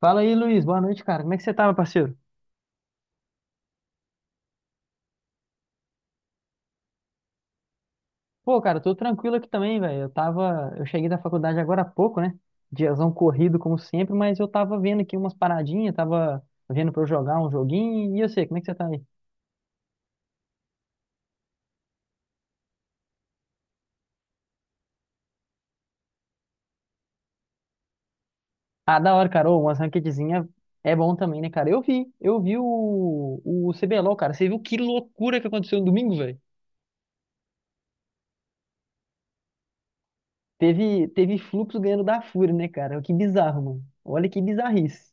Fala aí, Luiz. Boa noite, cara. Como é que você tá, meu parceiro? Pô, cara, tô tranquilo aqui também, velho. Eu cheguei da faculdade agora há pouco, né? Diazão corrido como sempre, mas eu tava vendo aqui umas paradinhas, tava vendo pra eu jogar um joguinho. E eu sei, como é que você tá aí? Ah, da hora, cara. Ô, umas ranqueadzinha é bom também, né, cara? Eu vi o CBLOL, cara. Você viu que loucura que aconteceu no domingo, velho? Teve Fluxo ganhando da Fúria, né, cara? Que bizarro, mano. Olha que bizarrice.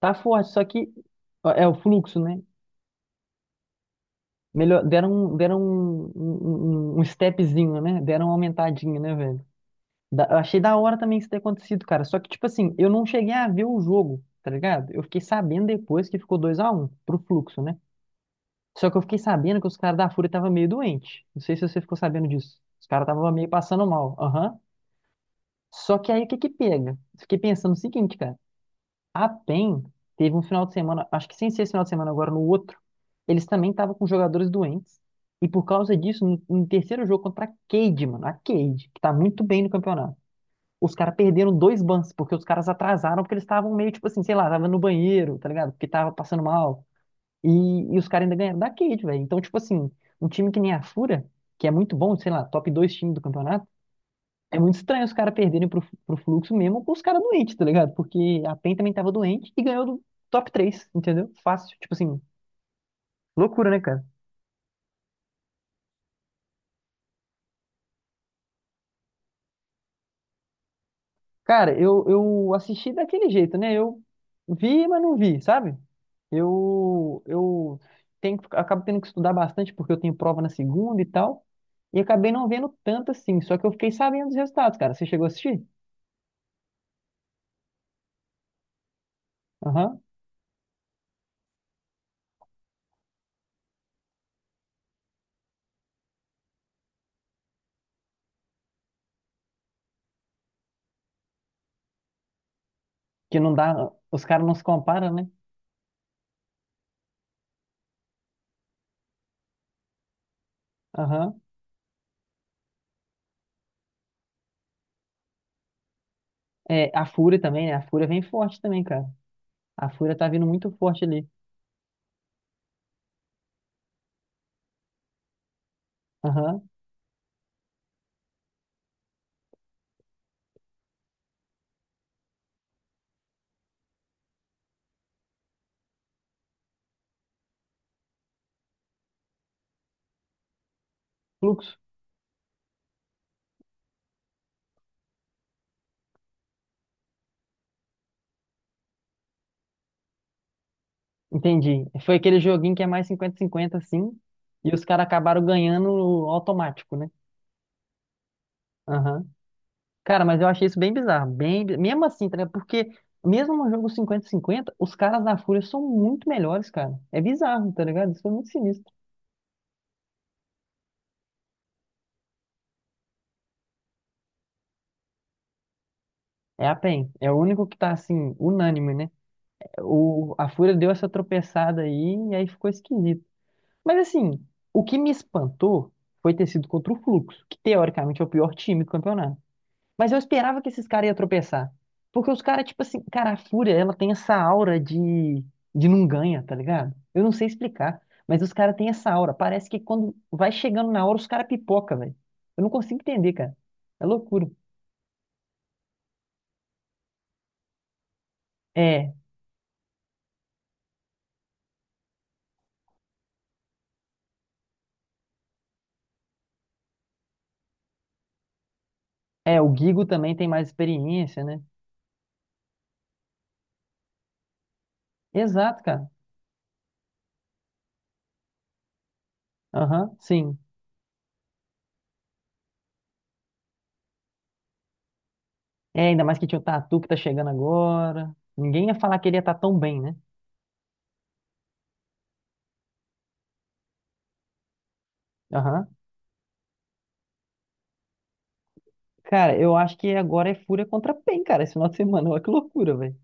Tá forte, só que ó, é o Fluxo, né? Melhor, deram um stepzinho, né? Deram uma aumentadinha, né, velho? Eu achei da hora também isso ter acontecido, cara. Só que, tipo assim, eu não cheguei a ver o jogo, tá ligado? Eu fiquei sabendo depois que ficou 2-1 pro Fluxo, né? Só que eu fiquei sabendo que os caras da Fúria estavam meio doente. Não sei se você ficou sabendo disso. Os caras estavam meio passando mal. Aham. Só que aí o que que pega? Fiquei pensando o seguinte, cara. A PEN teve um final de semana, acho que sem ser esse final de semana, agora no outro, eles também estavam com jogadores doentes. E por causa disso, no terceiro jogo contra a Cade, mano, a Cade, que tá muito bem no campeonato, os caras perderam dois bans, porque os caras atrasaram, porque eles estavam meio tipo assim, sei lá, tava no banheiro, tá ligado? Porque tava passando mal. E, e os caras ainda ganharam da Cade, velho. Então, tipo assim, um time que nem a Fúria, que é muito bom, sei lá, top dois times do campeonato é muito estranho os caras perderem pro, pro Fluxo mesmo com os caras doentes, tá ligado? Porque a PEN também tava doente e ganhou do top 3, entendeu? Fácil. Tipo assim, loucura, né, cara? Cara, eu assisti daquele jeito, né? Eu vi, mas não vi, sabe? Eu, eu Acabo tendo que estudar bastante porque eu tenho prova na segunda e tal. E acabei não vendo tanto assim. Só que eu fiquei sabendo dos resultados, cara. Você chegou a assistir? Aham. Que não dá. Os caras não se comparam, né? Aham. É, a Fúria também, né? A Fúria vem forte também, cara. A Fúria tá vindo muito forte ali. Aham. Fluxo. Entendi. Foi aquele joguinho que é mais 50-50, assim. E os caras acabaram ganhando automático, né? Aham. Cara, mas eu achei isso bem bizarro. Mesmo assim, tá ligado? Porque mesmo no jogo 50-50, os caras da Fúria são muito melhores, cara. É bizarro, tá ligado? Isso foi muito sinistro. É a PEN. É o único que tá, assim, unânime, né? O... A Fúria deu essa tropeçada aí e aí ficou esquisito. Mas assim, o que me espantou foi ter sido contra o Fluxo, que teoricamente é o pior time do campeonato. Mas eu esperava que esses caras iam tropeçar. Porque os caras, tipo assim, cara, a Fúria, ela tem essa aura de, não ganha, tá ligado? Eu não sei explicar, mas os caras têm essa aura. Parece que quando vai chegando na hora, os caras pipoca, velho. Eu não consigo entender, cara. É loucura. É, é, o Guigo também tem mais experiência, né? Exato, cara. Aham, sim. É, ainda mais que tinha o Tatu que tá chegando agora. Ninguém ia falar que ele ia estar tão bem, né? Aham. Cara, eu acho que agora é Fúria contra PEN, cara, esse final de semana. Olha que loucura, velho.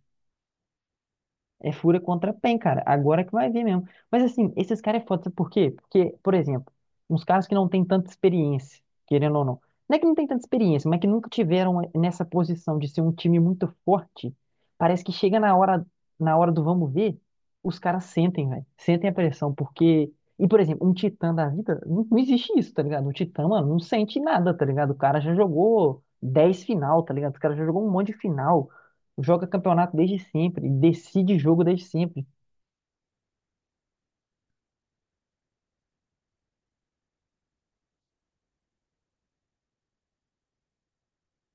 É fura contra PEN, cara. Agora que vai ver mesmo. Mas assim, esses caras é foda, sabe por quê? Porque, por exemplo, uns caras que não têm tanta experiência, querendo ou não. Não é que não tem tanta experiência, mas que nunca tiveram nessa posição de ser um time muito forte. Parece que chega na hora do vamos ver, os caras sentem, velho. Sentem a pressão, porque. E, por exemplo, um titã da vida, não, não existe isso, tá ligado? O titã, mano, não sente nada, tá ligado? O cara já jogou 10 final, tá ligado? O cara já jogou um monte de final, joga campeonato desde sempre, decide jogo desde sempre.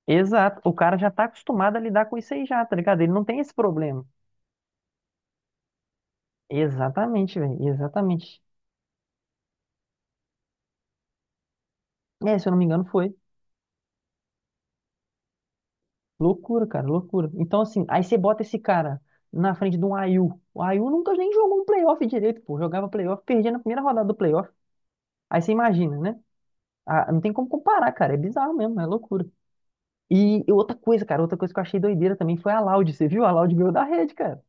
Exato, o cara já tá acostumado a lidar com isso aí já, tá ligado? Ele não tem esse problema. Exatamente, velho, exatamente. É, se eu não me engano, foi. Loucura, cara, loucura. Então, assim, aí você bota esse cara na frente de um Ayu. O Ayu nunca nem jogou um playoff direito, pô. Jogava playoff, perdia na primeira rodada do playoff. Aí você imagina, né? Ah, não tem como comparar, cara. É bizarro mesmo, é loucura. E outra coisa, cara, outra coisa que eu achei doideira também foi a Loud. Você viu? A Loud ganhou da Red, cara.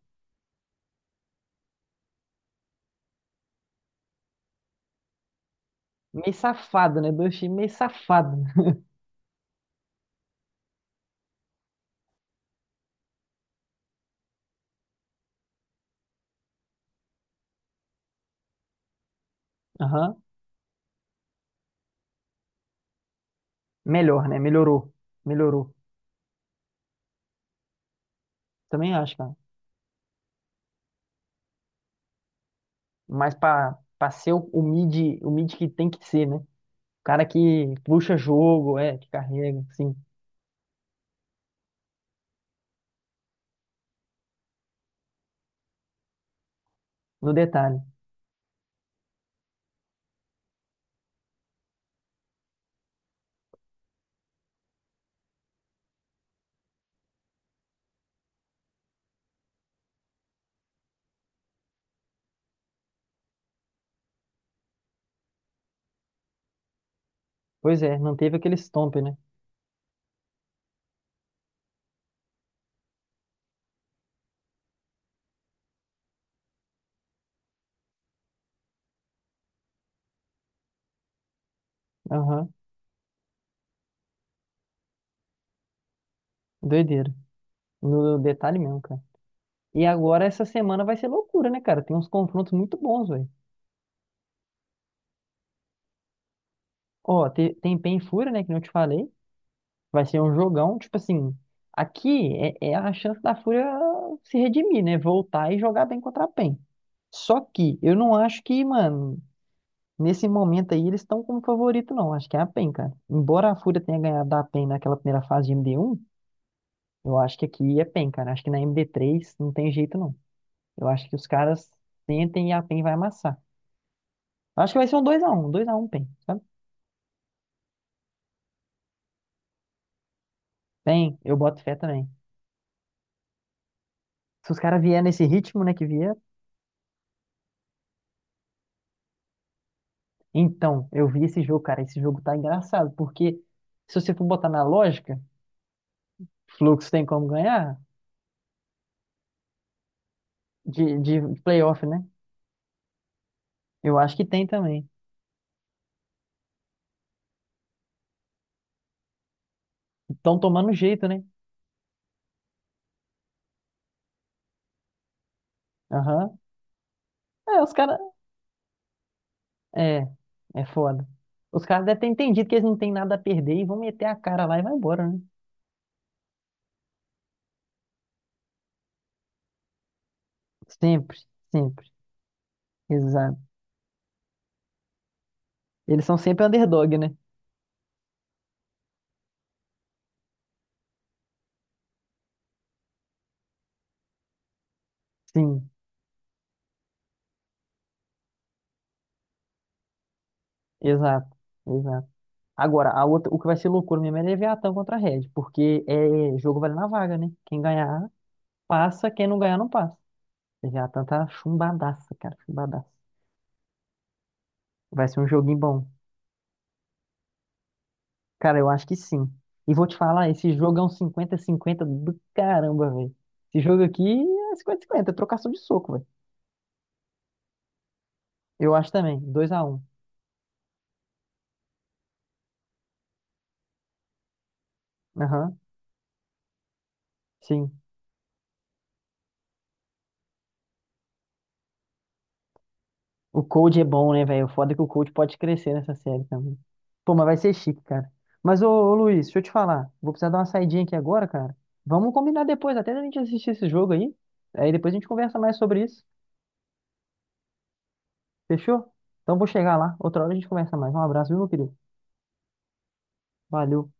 Meio safado, né? Dois times meio safado. Aham. Melhor, né? Melhorou. Melhorou. Também acho, cara. Mas pra, ser o, o mid que tem que ser, né? O cara que puxa jogo, é, que carrega, sim. No detalhe. Pois é, não teve aquele stomp, né? Aham. Doideira. No detalhe mesmo, cara. E agora essa semana vai ser loucura, né, cara? Tem uns confrontos muito bons, velho. Ó, tem Pain e Fúria, né? Que não te falei. Vai ser um jogão, tipo assim. Aqui é a chance da Fúria se redimir, né? Voltar e jogar bem contra a PEN. Só que eu não acho que, mano, nesse momento aí eles estão como favorito, não. Acho que é a PEN, cara. Embora a Fúria tenha ganhado da PEN naquela primeira fase de MD1, eu acho que aqui é PEN, cara. Acho que na MD3 não tem jeito, não. Eu acho que os caras sentem e a PEN vai amassar. Acho que vai ser um dois a um PEN, sabe? PEN, eu boto fé também. Se os caras vierem nesse ritmo, né, que vier, então, eu vi esse jogo, cara. Esse jogo tá engraçado, porque se você for botar na lógica, Fluxo tem como ganhar de playoff, né? Eu acho que tem também. Estão tomando jeito, né? Aham. É, os caras. É, é foda. Os caras devem ter entendido que eles não têm nada a perder e vão meter a cara lá e vai embora, né? Sempre, sempre. Exato. Eles são sempre underdog, né? Sim, exato, exato. Agora, a outra, o que vai ser loucura mesmo é Leviatã contra a Red, porque é jogo vale na vaga, né? Quem ganhar passa, quem não ganhar não passa. Já a tanta chumbadaça, cara, chumbadaça. Vai ser um joguinho bom. Cara, eu acho que sim. E vou te falar, esse jogo é um 50 cinquenta do caramba, velho. Esse jogo aqui é 50-50, é trocação de soco, velho. Eu acho também, 2-1. Aham, sim. O Cold é bom, né, velho? O foda é que o Cold pode crescer nessa série também. Pô, mas vai ser chique, cara. Mas, ô, ô Luiz, deixa eu te falar. Vou precisar dar uma saidinha aqui agora, cara. Vamos combinar depois, até a gente assistir esse jogo aí. Aí depois a gente conversa mais sobre isso. Fechou? Então vou chegar lá. Outra hora a gente conversa mais. Um abraço, viu, meu querido? Valeu.